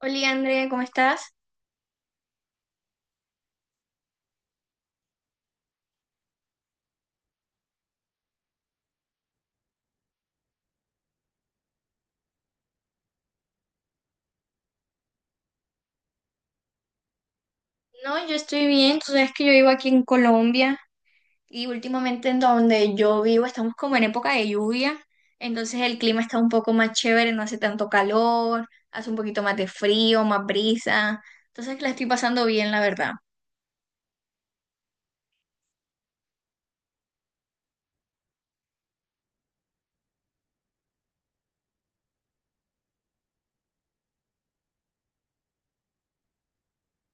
Hola Andrea, ¿cómo estás? No, yo estoy bien, tú sabes que yo vivo aquí en Colombia y últimamente en donde yo vivo estamos como en época de lluvia, entonces el clima está un poco más chévere, no hace tanto calor, hace un poquito más de frío, más brisa, entonces la estoy pasando bien, la verdad.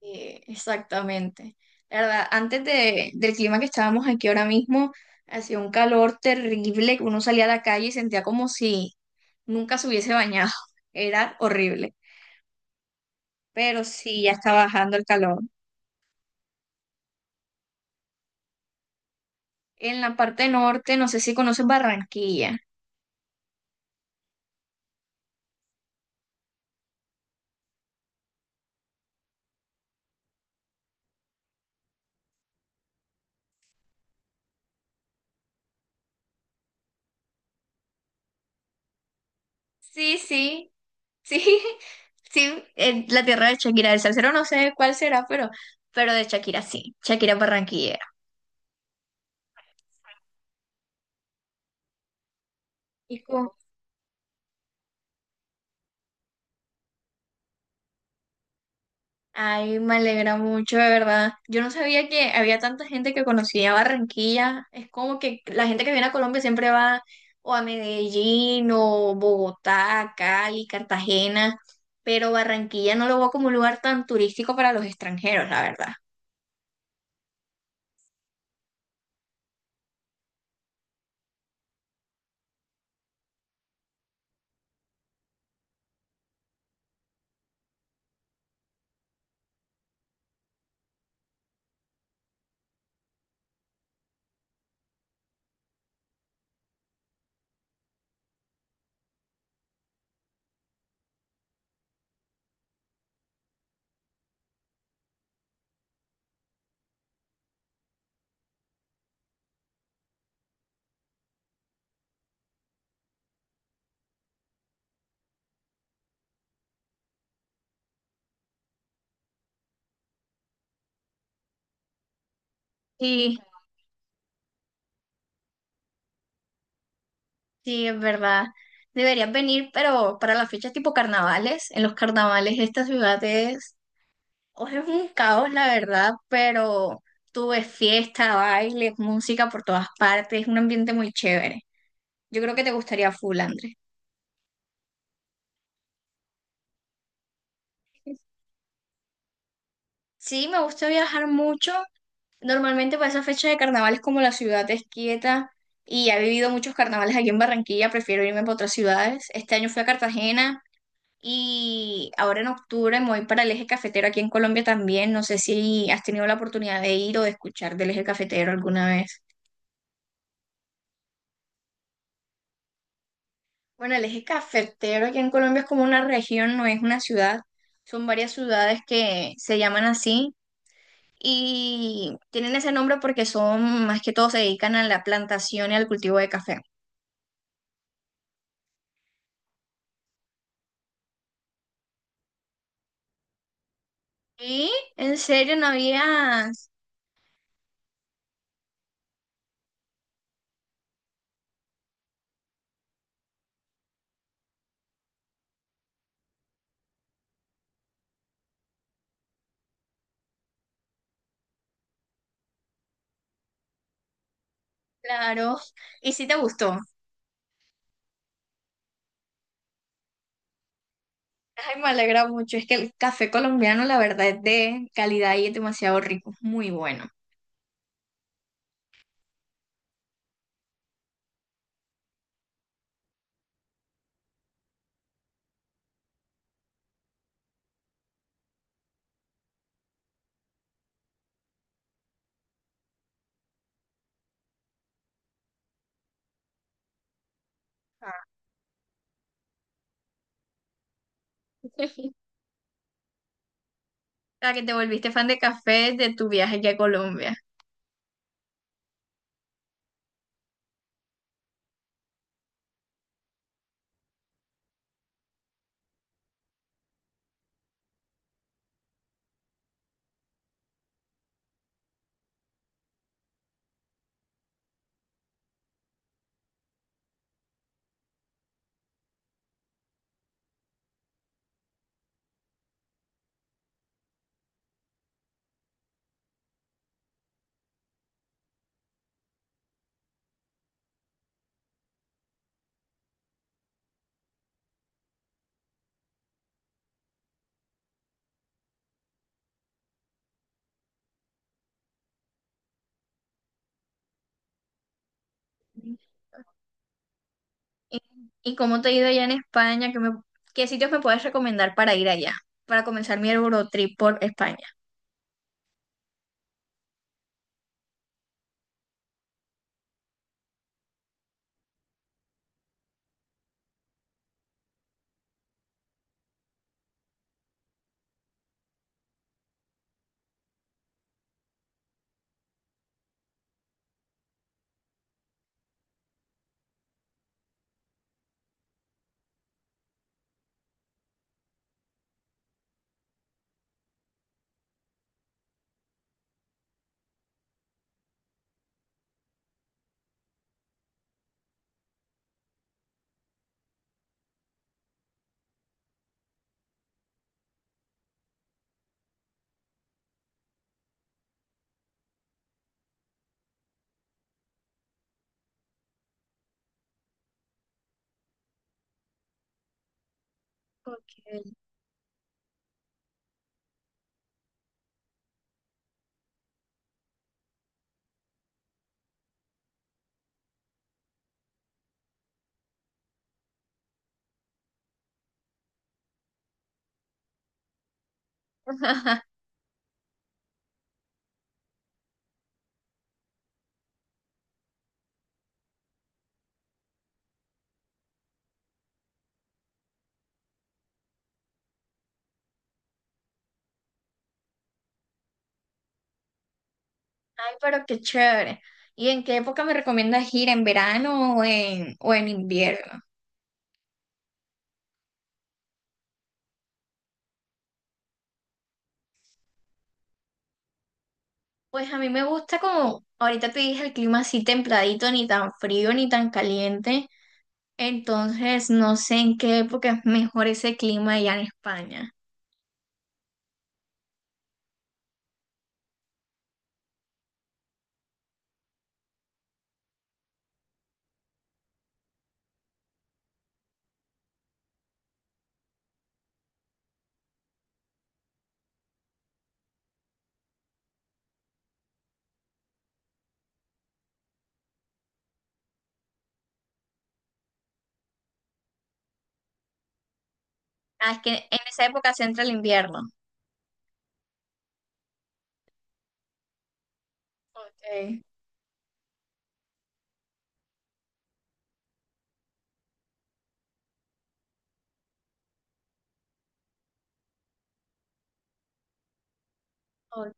Exactamente. La verdad, del clima que estábamos aquí ahora mismo, hacía un calor terrible, uno salía a la calle y sentía como si nunca se hubiese bañado, era horrible. Pero sí, ya está bajando el calor. En la parte norte, no sé si conocen Barranquilla. Sí, sí, sí, sí, la tierra de Shakira, el salsero no sé cuál será, pero de Shakira sí, Shakira es barranquillera. Y con- ay, me alegra mucho, de verdad. Yo no sabía que había tanta gente que conocía Barranquilla. Es como que la gente que viene a Colombia siempre va o a Medellín o Bogotá, Cali, Cartagena, pero Barranquilla no lo veo como un lugar tan turístico para los extranjeros, la verdad. Sí, sí, es verdad. Deberías venir, pero para las fechas tipo carnavales, en los carnavales esta ciudad es hoy es un caos, la verdad, pero tuve fiesta, baile, música por todas partes, es un ambiente muy chévere. Yo creo que te gustaría full, Andrés. Sí, me gusta viajar mucho. Normalmente para esa fecha de carnavales, como la ciudad es quieta y he vivido muchos carnavales aquí en Barranquilla, prefiero irme para otras ciudades. Este año fui a Cartagena y ahora en octubre me voy para el Eje Cafetero aquí en Colombia también. No sé si has tenido la oportunidad de ir o de escuchar del Eje Cafetero alguna vez. Bueno, el eje cafetero aquí en Colombia es como una región, no es una ciudad. Son varias ciudades que se llaman así y tienen ese nombre porque son, más que todo, se dedican a la plantación y al cultivo de café. ¿Y en serio no habías? Claro. ¿Y si te gustó? Ay, me alegra mucho. Es que el café colombiano, la verdad, es de calidad y es demasiado rico. Muy bueno. O sea, que te volviste fan de café de tu viaje aquí a Colombia. ¿Y, y cómo te ha ido allá en España? ¿Qué, me- qué sitios me puedes recomendar para ir allá? Para comenzar mi Eurotrip por España. Okay. Ay, pero qué chévere. ¿Y en qué época me recomiendas ir? ¿En verano o en invierno? Pues a mí me gusta como, ahorita te dije, el clima así templadito, ni tan frío ni tan caliente. Entonces, no sé en qué época es mejor ese clima allá en España. Ah, es que en esa época se entra el invierno. Ok, ok.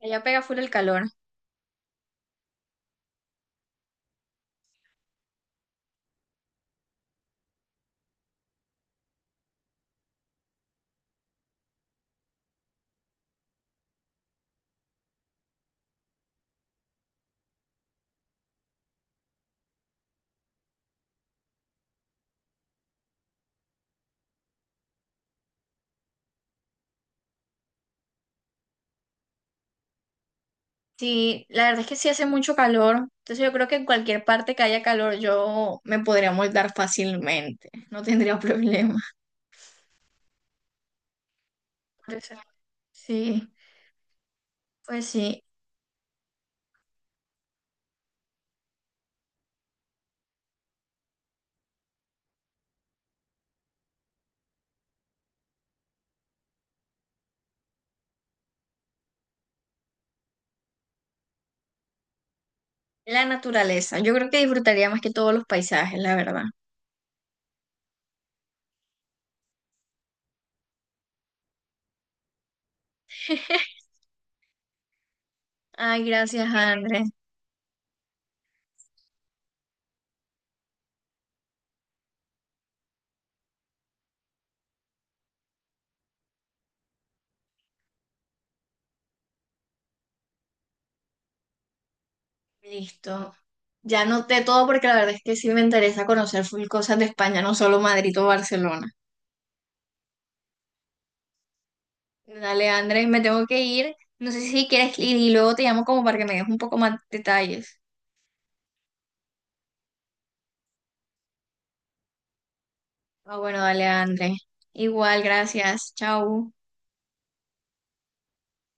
Allá pega full el calor. Sí, la verdad es que sí hace mucho calor, entonces yo creo que en cualquier parte que haya calor yo me podría moldar fácilmente, no tendría problema. Por eso, sí, pues sí, la naturaleza, yo creo que disfrutaría más que todos los paisajes, la verdad. Ay, gracias, Andrés. Listo. Ya noté todo porque la verdad es que sí me interesa conocer full cosas de España, no solo Madrid o Barcelona. Dale, Andrés, me tengo que ir. No sé si quieres ir y luego te llamo como para que me des un poco más detalles. Ah, bueno, dale, André. Igual, gracias. Chau.